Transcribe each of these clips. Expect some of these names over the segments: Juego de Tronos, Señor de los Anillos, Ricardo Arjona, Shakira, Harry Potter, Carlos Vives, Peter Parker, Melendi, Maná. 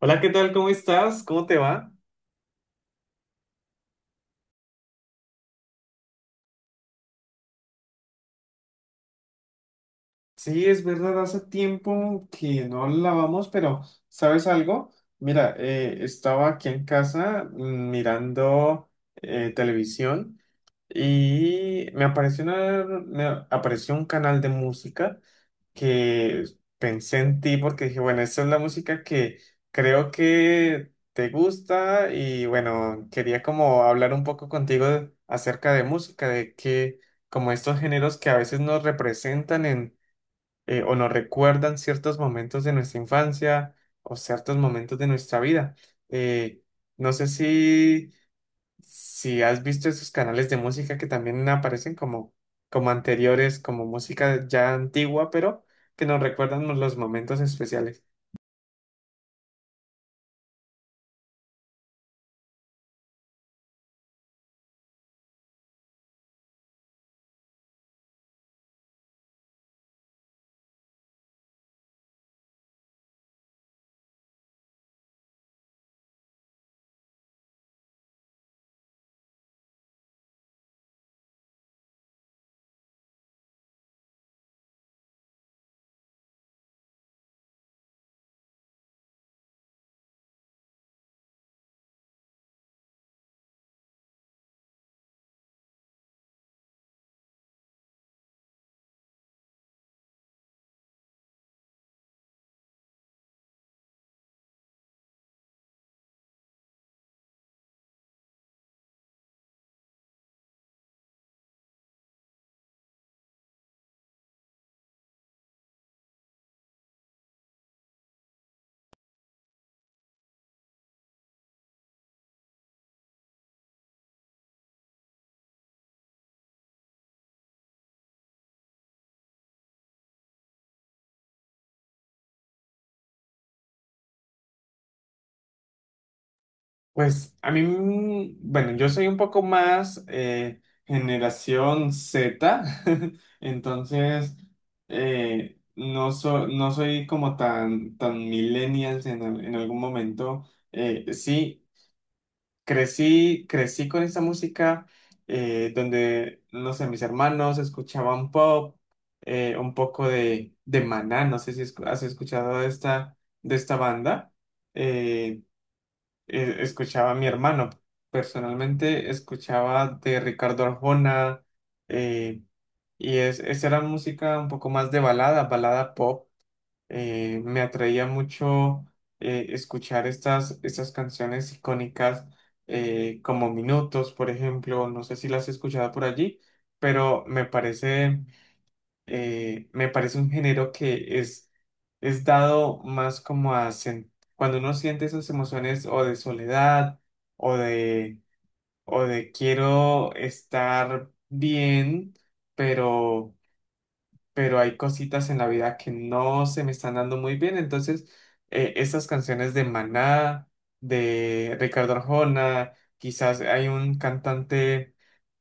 Hola, ¿qué tal? ¿Cómo estás? ¿Cómo te va? Sí, es verdad, hace tiempo que no lavamos, pero ¿sabes algo? Mira, estaba aquí en casa mirando televisión y me me apareció un canal de música que pensé en ti porque dije, bueno, esta es la música que creo que te gusta y bueno, quería como hablar un poco contigo acerca de música, de que como estos géneros que a veces nos representan en o nos recuerdan ciertos momentos de nuestra infancia o ciertos momentos de nuestra vida. Eh, no sé si si has visto esos canales de música que también aparecen como anteriores, como música ya antigua, pero que nos recuerdan los momentos especiales. Pues a mí, bueno, yo soy un poco más generación Z, entonces no, no soy como tan millennials en algún momento. Sí. Crecí con esa música donde, no sé, mis hermanos escuchaban pop, un poco de Maná, no sé si has escuchado de de esta banda. eh, Escuchaba a mi hermano, personalmente escuchaba de Ricardo Arjona, eh, y esa era música un poco más de balada, balada pop. Me atraía mucho escuchar estas canciones icónicas como Minutos, por ejemplo, no sé si las he escuchado por allí, pero me me parece un género que es dado más como a cuando uno siente esas emociones o de soledad o de, o de quiero estar bien, pero hay cositas en la vida que no se me están dando muy bien. Entonces, estas canciones de Maná, de Ricardo Arjona, quizás hay un cantante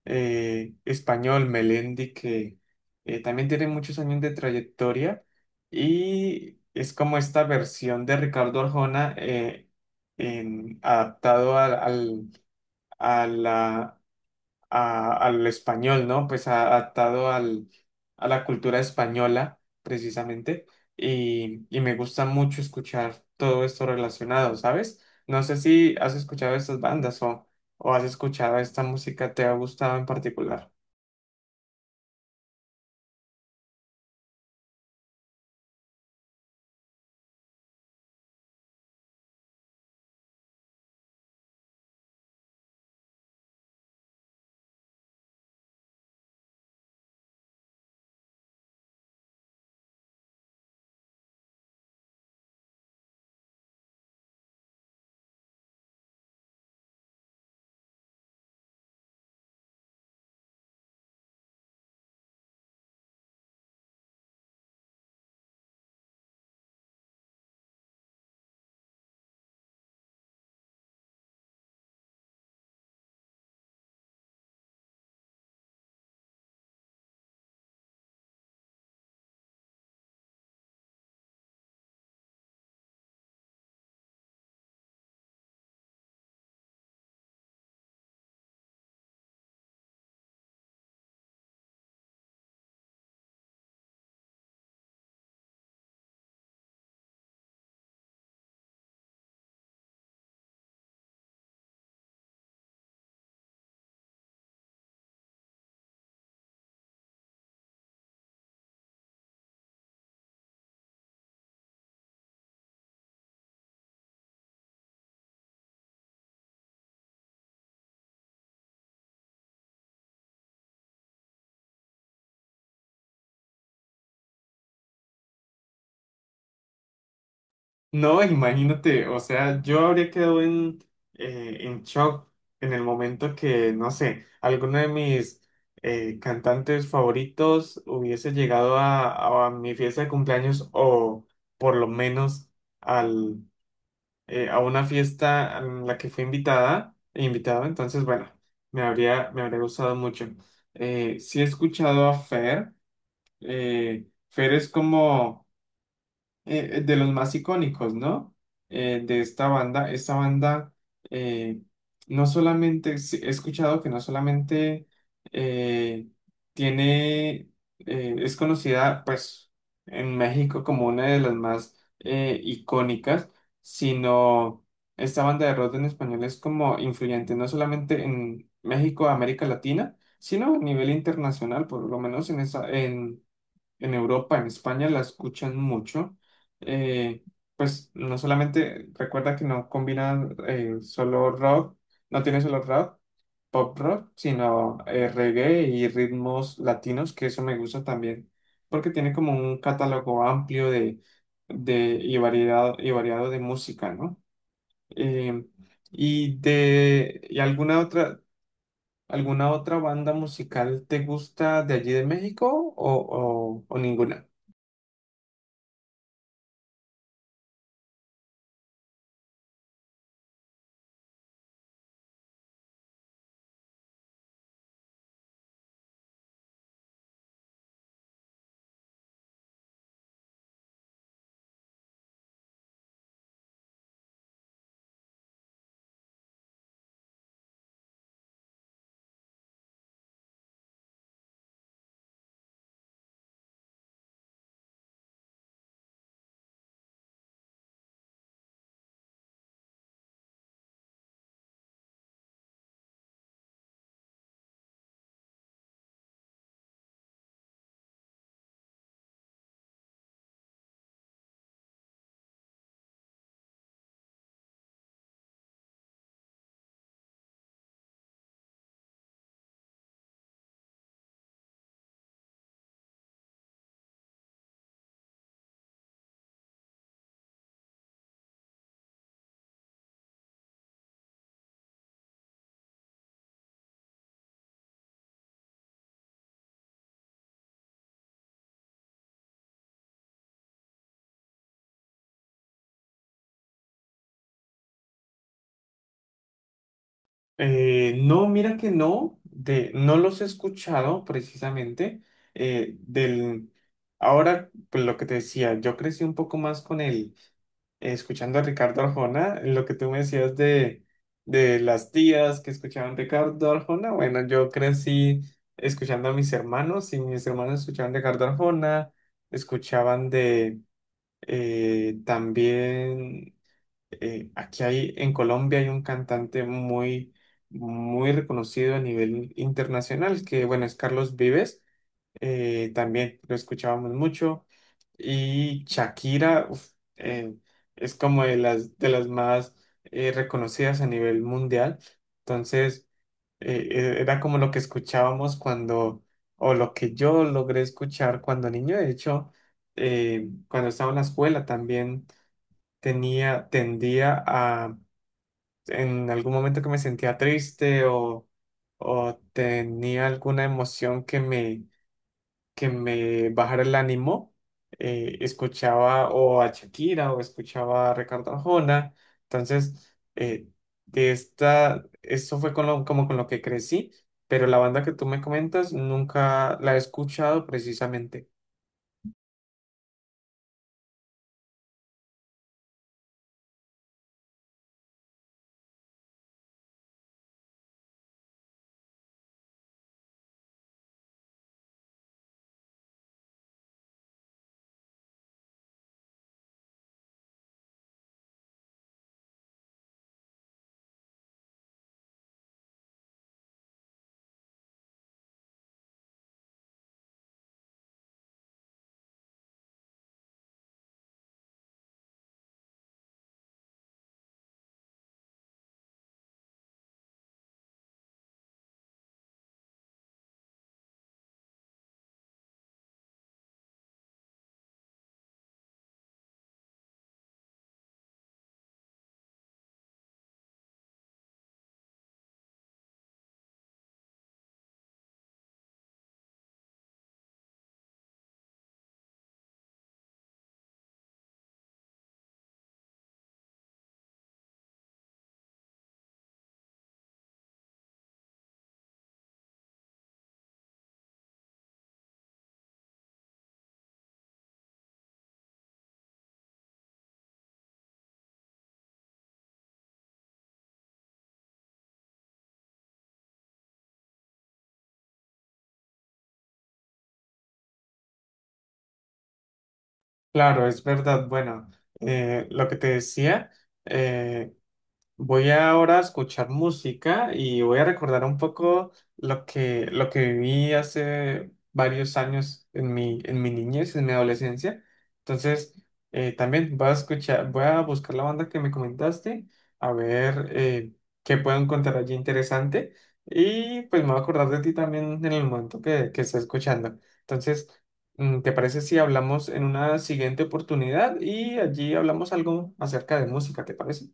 español, Melendi, que también tiene muchos años de trayectoria y es como esta versión de Ricardo Arjona adaptado a la- al español, ¿no? Pues adaptado a la cultura española, precisamente. Y me gusta mucho escuchar todo esto relacionado, ¿sabes? No sé si has escuchado estas bandas o has escuchado esta música, ¿te ha gustado en particular? No, imagínate, o sea, yo habría quedado en shock en el momento que, no sé, alguno de mis cantantes favoritos hubiese llegado a mi fiesta de cumpleaños o por lo menos al, a una fiesta en la que fui invitado, entonces, bueno, me habría gustado mucho. Sí he escuchado a Fer, Fer es como de los más icónicos, ¿no? De esta banda. Esta banda, eh, no solamente, sí, he escuchado que no solamente eh, tiene, es conocida, pues, en México como una de las más icónicas, sino esta banda de rock en español es como influyente, no solamente en México, América Latina, sino a nivel internacional, por lo menos en en Europa, en España, la escuchan mucho. Eh, pues no solamente, recuerda que no combina solo rock, no tiene solo rock, pop rock, sino reggae y ritmos latinos, que eso me gusta también, porque tiene como un catálogo amplio de y variado de música, ¿no? Eh, ¿Y alguna alguna otra banda musical te gusta de allí de México o, o ninguna? No, mira que no, de, no los he escuchado precisamente. eh, del, Ahora, pues lo que te yo crecí un poco más con escuchando a Ricardo Arjona, lo que tú me decías de las tías que escuchaban Ricardo Arjona. Bueno, yo crecí escuchando a mis hermanos y mis hermanos escuchaban Ricardo Arjona, escuchaban de también aquí hay, en Colombia hay un cantante muy reconocido a nivel internacional, que bueno, es Carlos Vives, también lo escuchábamos mucho, y Shakira, uf, eh, es como de de las más reconocidas a nivel mundial. Entonces, era como lo que escuchábamos cuando, o lo que yo logré escuchar cuando niño. De hecho, cuando estaba en la escuela también tendía a en algún momento que me sentía triste o tenía alguna emoción que que me bajara el ánimo, escuchaba o a Shakira o escuchaba a Ricardo Arjona. Entonces, eso fue con como con lo que crecí, pero la banda que tú me comentas nunca la he escuchado precisamente. Claro, es verdad. Bueno, lo que te decía. Eh, Voy ahora a escuchar música y voy a recordar un poco lo lo que viví hace varios años en en mi niñez, en mi adolescencia. Entonces, también voy a escuchar, voy a buscar la banda que me comentaste, a ver qué puedo encontrar allí interesante. Y pues me voy a acordar de ti también en el momento que esté escuchando. Entonces, ¿te parece si hablamos en una siguiente oportunidad y allí hablamos algo acerca de música? ¿Te parece?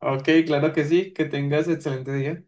Ok, claro que sí, que tengas excelente día.